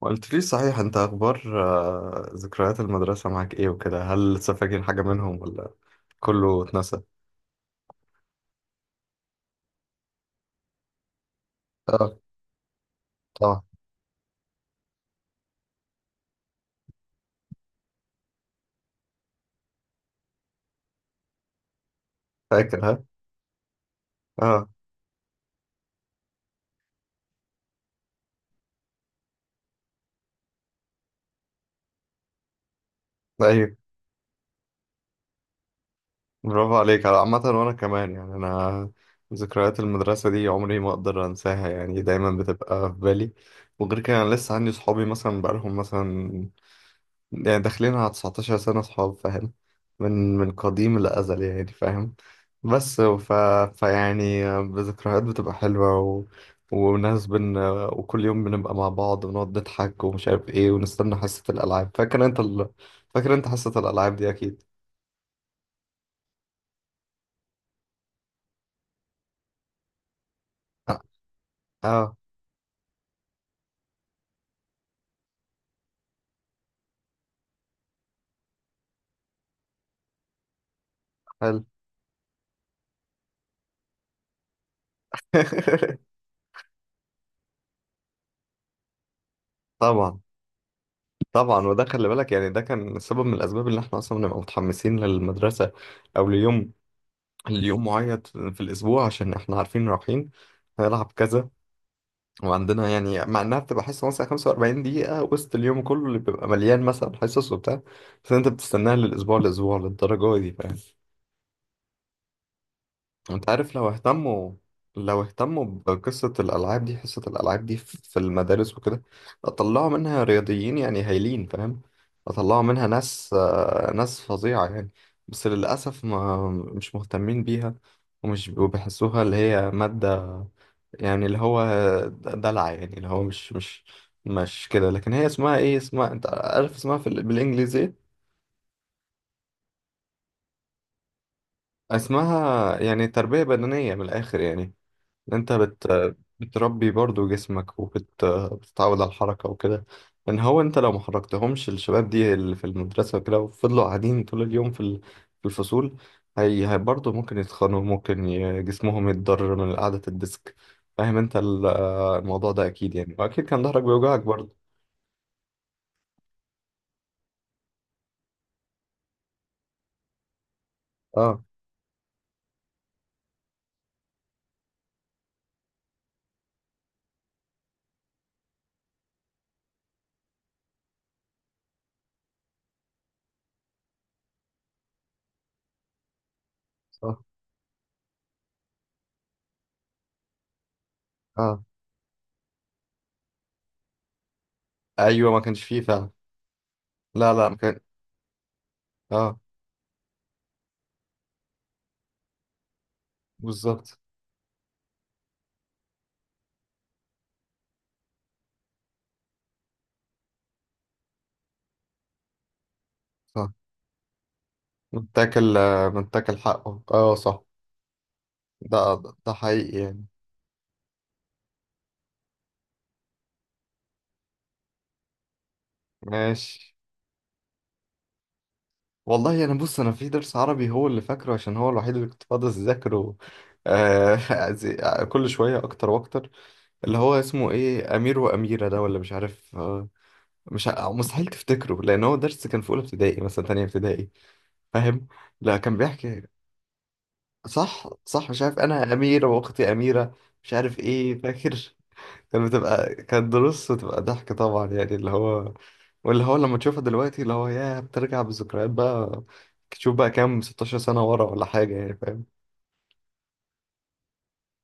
قلت لي صحيح، انت اخبار؟ آه، ذكريات المدرسة معاك ايه وكده، هل لسه فاكر حاجة منهم ولا كله اتنسى؟ اه. طبعا. فاكر، ها؟ اه. ايوه. برافو عليك، على عامة وانا كمان يعني انا ذكريات المدرسة دي عمري ما اقدر انساها، يعني دايما بتبقى في بالي. وغير كده انا لسه عندي صحابي مثلا، بقالهم مثلا يعني داخلين على 19 سنة صحاب، فاهم؟ من قديم الأزل يعني، فاهم؟ بس فيعني بذكريات بتبقى حلوة وناس وكل يوم بنبقى مع بعض ونقعد نضحك ومش عارف ايه ونستنى حصة الألعاب. فاكر انت حصة الألعاب دي أكيد. اه. آه، حلو. طبعا، طبعا. وده خلي بالك يعني ده كان سبب من الأسباب اللي احنا أصلا بنبقى متحمسين للمدرسة، أو ليوم اليوم معين في الأسبوع، عشان إحنا عارفين رايحين هنلعب كذا. وعندنا يعني مع إنها بتبقى حصة مثلا 45 دقيقة وسط اليوم كله اللي بيبقى مليان مثلا حصص وبتاع، بس أنت بتستناها للأسبوع لأسبوع للدرجة دي، فاهم؟ انت عارف لو اهتموا، لو اهتموا بقصة الألعاب دي، حصة الألعاب دي في المدارس وكده، طلعوا منها رياضيين يعني هايلين، فاهم؟ طلعوا منها ناس، آه، ناس فظيعة يعني. بس للأسف ما مش مهتمين بيها. ومش وبيحسوها اللي هي مادة، يعني اللي هو دلع، يعني اللي هو مش مش كده. لكن هي اسمها ايه، اسمها انت عارف اسمها في بالإنجليزي. اسمها يعني تربية بدنية من الآخر يعني. انت بتربي برضو جسمك وبتتعود على الحركة وكده. ان هو انت لو ما حركتهمش الشباب دي اللي في المدرسة وكده وفضلوا قاعدين طول اليوم في في الفصول، هي برضو ممكن يتخنوا، ممكن جسمهم يتضرر من قعدة الديسك، فاهم انت؟ الموضوع ده اكيد يعني، واكيد كان ظهرك بيوجعك برضو. اه صح. اه ايوه، ما كانش فيه فعلا. لا لا، ما كان. اه بالظبط. صح. متاكل، متاكل حقه، اه صح. ده ده حقيقي يعني. ماشي. والله انا بص، انا في درس عربي هو اللي فاكره عشان هو الوحيد اللي كنت فاضي اذاكره. آه. زي- كل شويه اكتر واكتر، اللي هو اسمه ايه، امير واميره ده ولا مش عارف، آه مش ع- مستحيل تفتكره، لان هو درس كان في اولى ابتدائي مثلا تانية ابتدائي، فاهم؟ لا كان بيحكي. صح صح. مش عارف انا، اميره واختي اميره مش عارف ايه، فاكر. كانت بتبقى، كانت دروس وتبقى ضحك طبعا يعني اللي هو، واللي هو لما تشوفها دلوقتي اللي هو يا بترجع بالذكريات بقى، تشوف بقى كام 16 سنة ورا ولا حاجة، يعني فاهم؟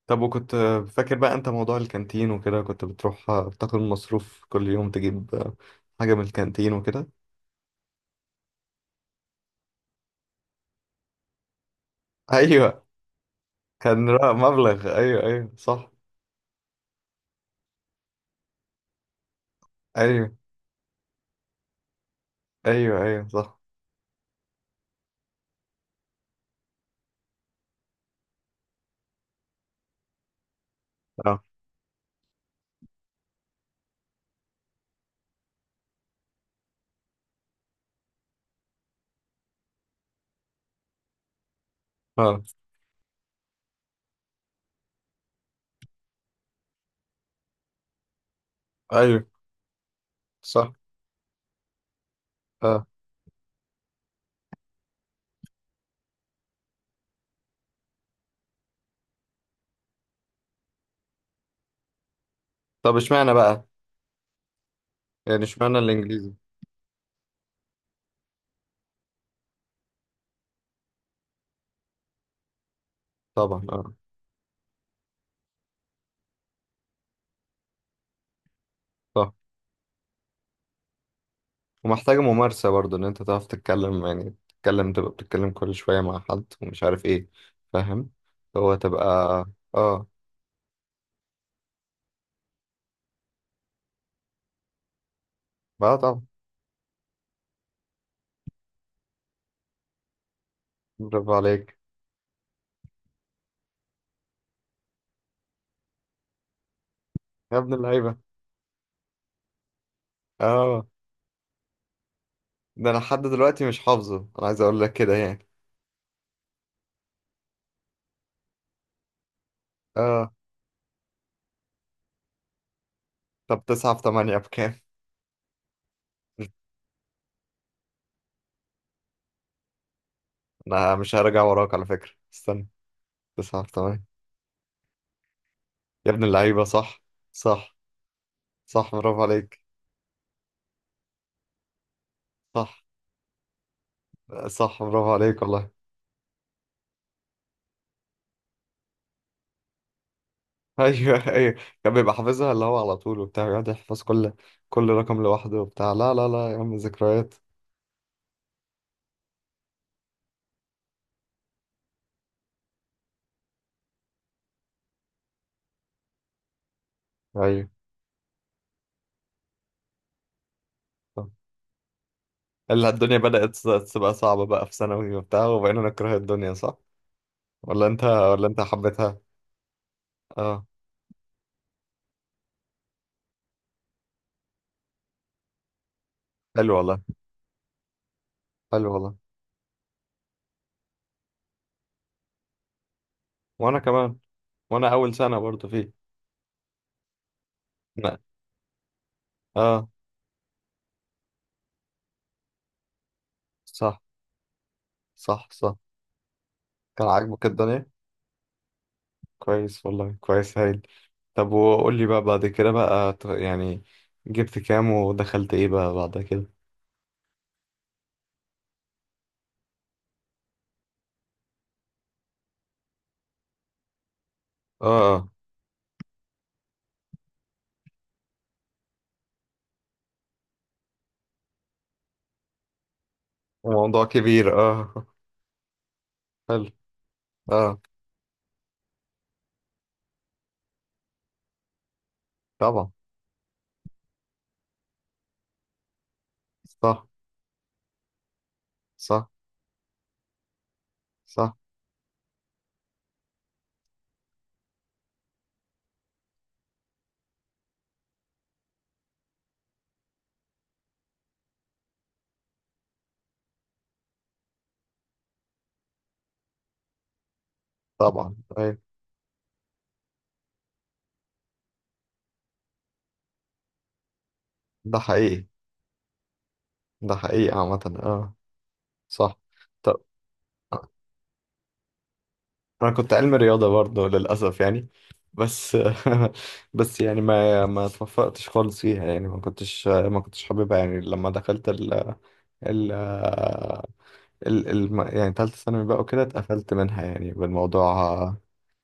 طب وكنت فاكر بقى انت موضوع الكانتين وكده، كنت بتروح تاخد مصروف كل يوم، تجيب حاجة من الكانتين وكده؟ ايوه، كان رقم مبلغ، ايوه ايوه صح. ايوه ايوه ايوه صح. اه اه ايوه صح. اه. طب اشمعنى بقى، يعني اشمعنى الانجليزي؟ طبعا اه. صح. ومحتاجة ممارسة برضه، إن أنت تعرف تتكلم، يعني تتكلم تبقى بتتكلم كل شوية مع حد، ومش عارف إيه. فاهم، هو تبقى. آه. بقى طبعا. برافو عليك يا ابن اللعيبة. آه. ده أنا لحد دلوقتي مش حافظه، أنا عايز أقول لك كده يعني. آه. طب تسعة في تمانية بكام؟ أنا مش هرجع وراك على فكرة، استنى. تسعة في تمانية، يا ابن اللعيبة. صح. صح. صح برافو عليك. صح صح برافو عليك والله. ايوه ايوه، كان بيبقى حافظها اللي هو على طول وبتاع، يقعد يحفظ كل رقم لوحده وبتاع. لا لا لا يا عم، ذكريات. ايوه صح. اللي الدنيا بدأت تبقى صعبة بقى في ثانوي وبتاع وبقينا نكره الدنيا، صح؟ ولا انت حبيتها؟ اه. حلو والله، حلو والله. وانا كمان، وانا اول سنة برضو فيه. لا. اه صح صح صح. كان عاجبك الدنيا، كويس والله، كويس هايل. طب وقول لي بقى بعد كده بقى يعني جبت كام ودخلت ايه بقى بعد كده؟ اه اه. موضوع كبير اه. حلو. اه. طبعا. صح صح صح. طبعا ايوه. ده حقيقي، ده حقيقي عامة اه. صح. طب انا كنت علم رياضة برضه للأسف يعني، بس بس يعني ما اتوفقتش خالص فيها يعني، ما كنتش حاببها يعني، لما دخلت ال يعني تالتة ثانوي بقى وكده اتقفلت منها يعني بالموضوع.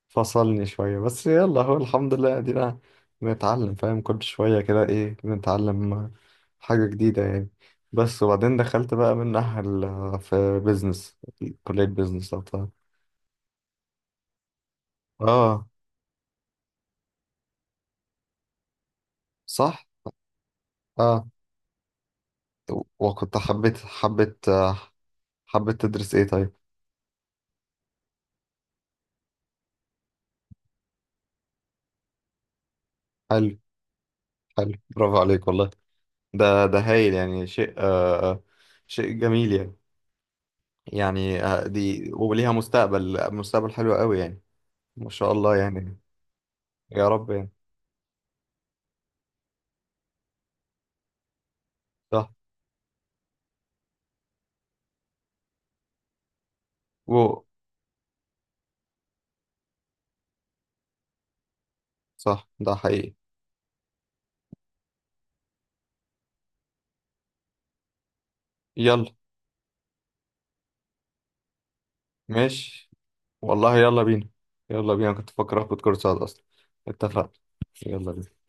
فصلني شوية بس يلا، هو الحمد لله ادينا بنتعلم، فاهم كل شوية كده ايه، بنتعلم حاجة جديدة يعني. بس وبعدين دخلت بقى منها في بيزنس، كلية بيزنس لو تعرف. اه صح. اه، وكنت حبيت حبيت تدرس ايه طيب؟ حلو، حلو برافو عليك والله، ده هايل يعني شيء، آه شيء جميل يعني، يعني آه، دي وليها مستقبل، مستقبل حلو قوي يعني. ما شاء الله يعني. يا رب يعني. صح و صح، ده حقيقي. يلا. ماشي والله، يلا بينا، يلا بينا، كنت فاكر اخد كورس صعد اصلا. اتفقنا. يلا بينا.